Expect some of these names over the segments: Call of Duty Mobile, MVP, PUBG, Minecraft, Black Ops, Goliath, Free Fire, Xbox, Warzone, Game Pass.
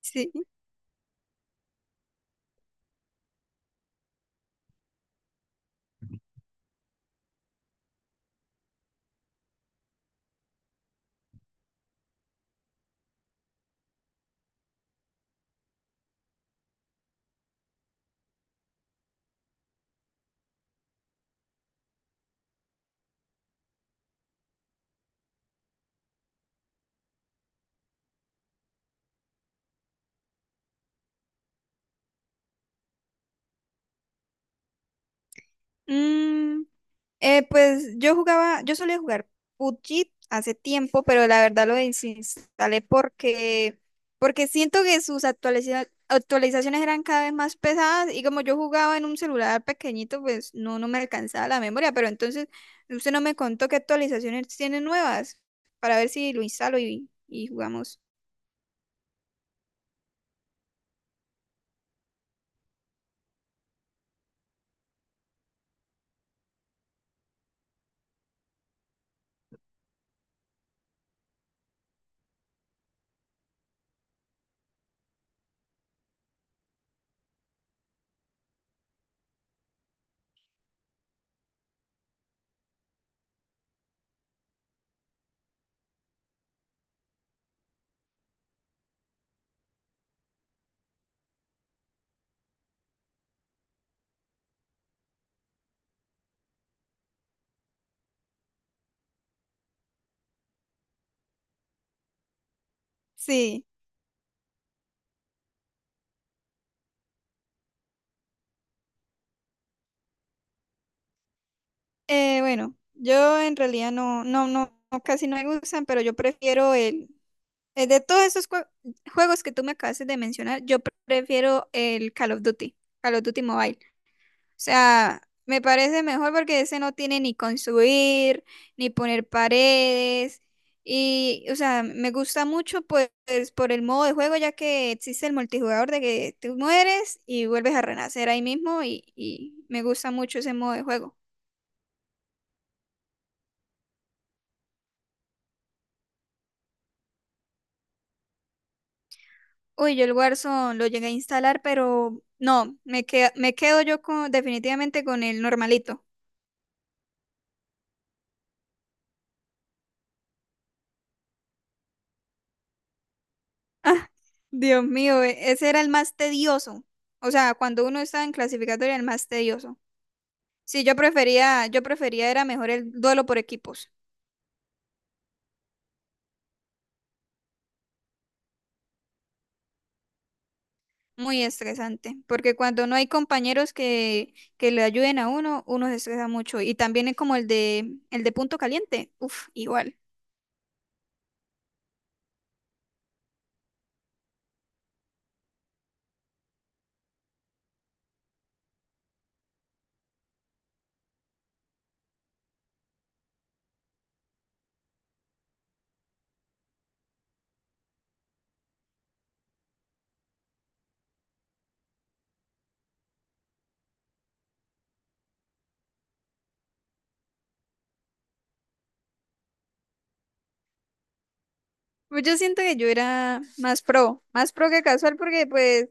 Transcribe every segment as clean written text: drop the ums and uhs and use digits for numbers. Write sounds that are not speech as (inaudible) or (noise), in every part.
Sí. Mm, pues yo jugaba, yo solía jugar PUBG hace tiempo, pero la verdad lo desinstalé porque siento que sus actualizaciones eran cada vez más pesadas y como yo jugaba en un celular pequeñito, pues no, no me alcanzaba la memoria, pero entonces usted no me contó qué actualizaciones tiene nuevas para ver si lo instalo y jugamos. Sí, bueno, yo en realidad no, casi no me gustan, pero yo prefiero el, De todos esos juegos que tú me acabaste de mencionar, yo prefiero el Call of Duty Mobile. O sea, me parece mejor porque ese no tiene ni construir, ni poner paredes. Y, o sea, me gusta mucho pues por el modo de juego, ya que existe el multijugador de que tú mueres y vuelves a renacer ahí mismo y me gusta mucho ese modo de juego. Uy, yo el Warzone lo llegué a instalar, pero no, me quedo yo con, definitivamente con el normalito. Ah, Dios mío, ese era el más tedioso. O sea, cuando uno estaba en clasificatoria, el más tedioso. Sí, yo prefería era mejor el duelo por equipos. Muy estresante, porque cuando no hay compañeros que le ayuden a uno, uno se estresa mucho. Y también es como el el de punto caliente. Uf, igual. Pues yo siento que yo era más pro que casual, porque pues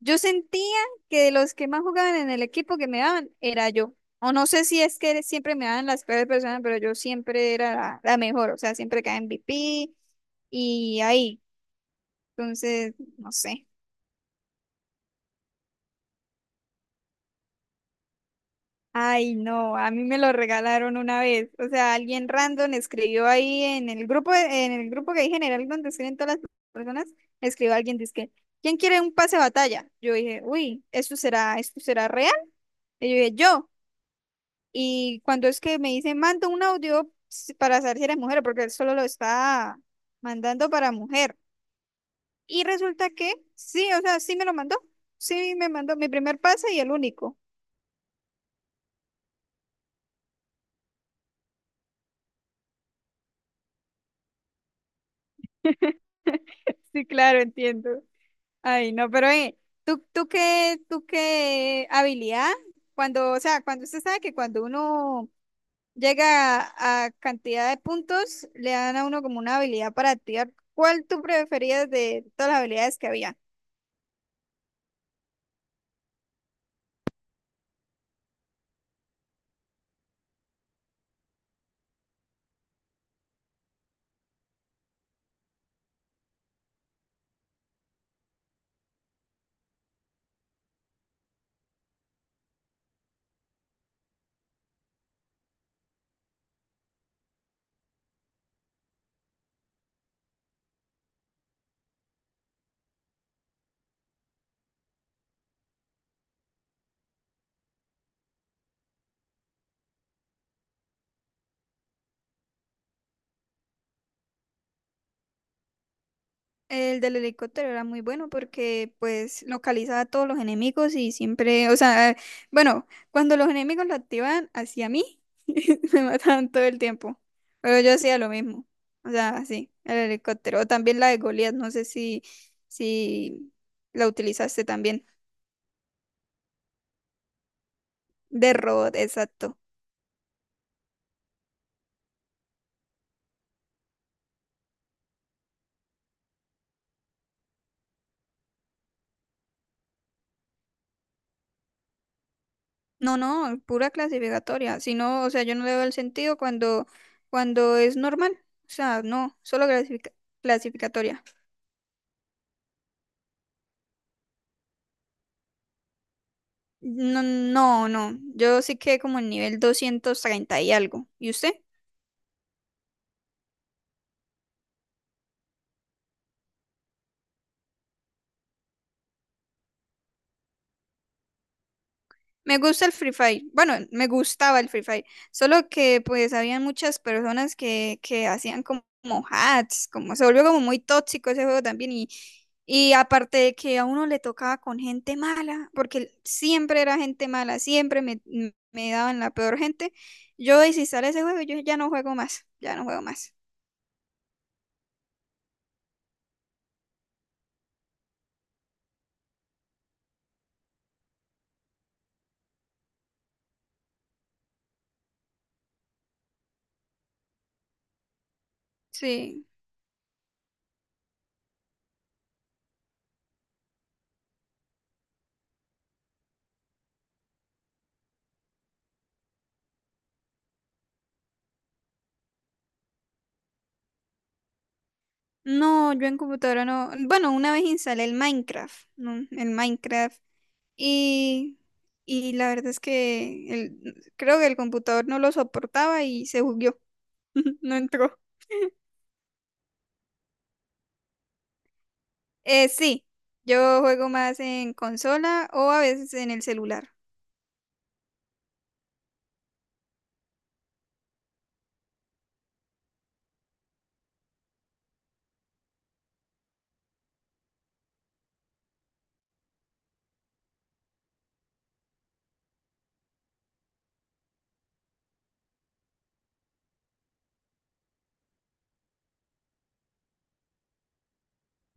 yo sentía que de los que más jugaban en el equipo que me daban era yo. O no sé si es que siempre me daban las peores personas, pero yo siempre era la mejor, o sea, siempre caía M V P y ahí. Entonces, no sé. Ay, no, a mí me lo regalaron una vez. O sea, alguien random escribió ahí en el grupo que hay general donde escriben todas las personas, escribió alguien, dice: ¿quién quiere un pase de batalla? Yo dije, uy, ¿esto será real? Y yo dije, yo. Y cuando es que me dice, manda un audio para saber si eres mujer, porque él solo lo está mandando para mujer. Y resulta que sí, o sea, sí me lo mandó. Sí, me mandó mi primer pase y el único. (laughs) Sí, claro, entiendo. Ay, no, pero ¿tú qué habilidad? Cuando, o sea, cuando usted sabe que cuando uno llega a cantidad de puntos, le dan a uno como una habilidad para activar. ¿Cuál tú preferías de todas las habilidades que había? El del helicóptero era muy bueno porque pues localizaba a todos los enemigos y siempre, o sea, bueno, cuando los enemigos lo activaban hacia mí, (laughs) me mataban todo el tiempo. Pero yo hacía lo mismo. O sea, sí, el helicóptero. O también la de Goliath, no sé si la utilizaste también. De robot, exacto. No, no, pura clasificatoria. Si no, o sea, yo no le veo el sentido cuando es normal. O sea, no, solo clasificatoria. No, no, no. Yo sí quedé como en nivel 230 y algo. ¿Y usted? Me gusta el Free Fire. Bueno, me gustaba el Free Fire. Solo que pues había muchas personas que hacían como, como hacks, como se volvió como muy tóxico ese juego también. Y aparte de que a uno le tocaba con gente mala, porque siempre era gente mala, me daban la peor gente. Yo desinstalé ese juego, yo ya no juego más, ya no juego más. Sí. No, yo en computadora no. Bueno, una vez instalé el Minecraft, ¿no? El Minecraft. Y, y la verdad es que el, creo que el computador no lo soportaba y se bugueó. (laughs) No entró. Sí, yo juego más en consola o a veces en el celular.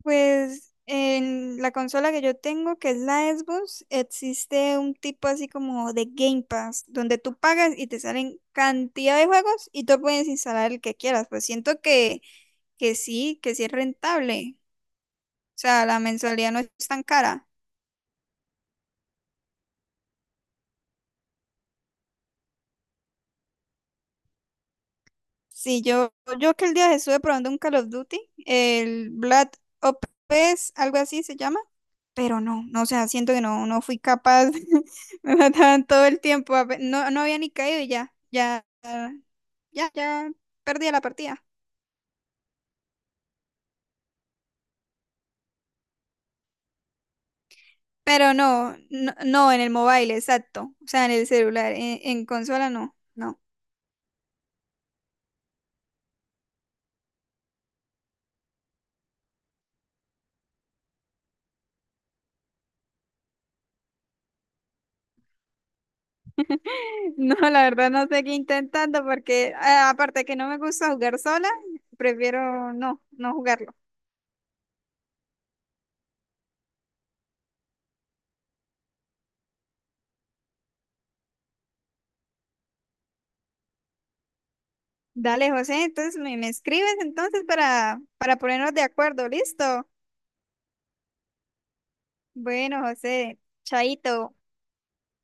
Pues en la consola que yo tengo, que es la Xbox, existe un tipo así como de Game Pass, donde tú pagas y te salen cantidad de juegos y tú puedes instalar el que quieras. Pues siento que sí es rentable. O sea, la mensualidad no es tan cara. Sí, yo, yo que el día estuve probando un Call of Duty, el Black Ops, algo así se llama. Pero no, no, o sea, siento que no, no fui capaz, (laughs) me mataban todo el tiempo, no, no había ni caído ya perdía la partida. Pero no, no, no, en el mobile, exacto, o sea, en el celular, en consola no, no. (laughs) No, la verdad no sé qué intentando porque aparte que no me gusta jugar sola, prefiero no, no jugarlo. Dale, José, entonces me escribes entonces para ponernos de acuerdo, ¿listo? Bueno, José, chaito.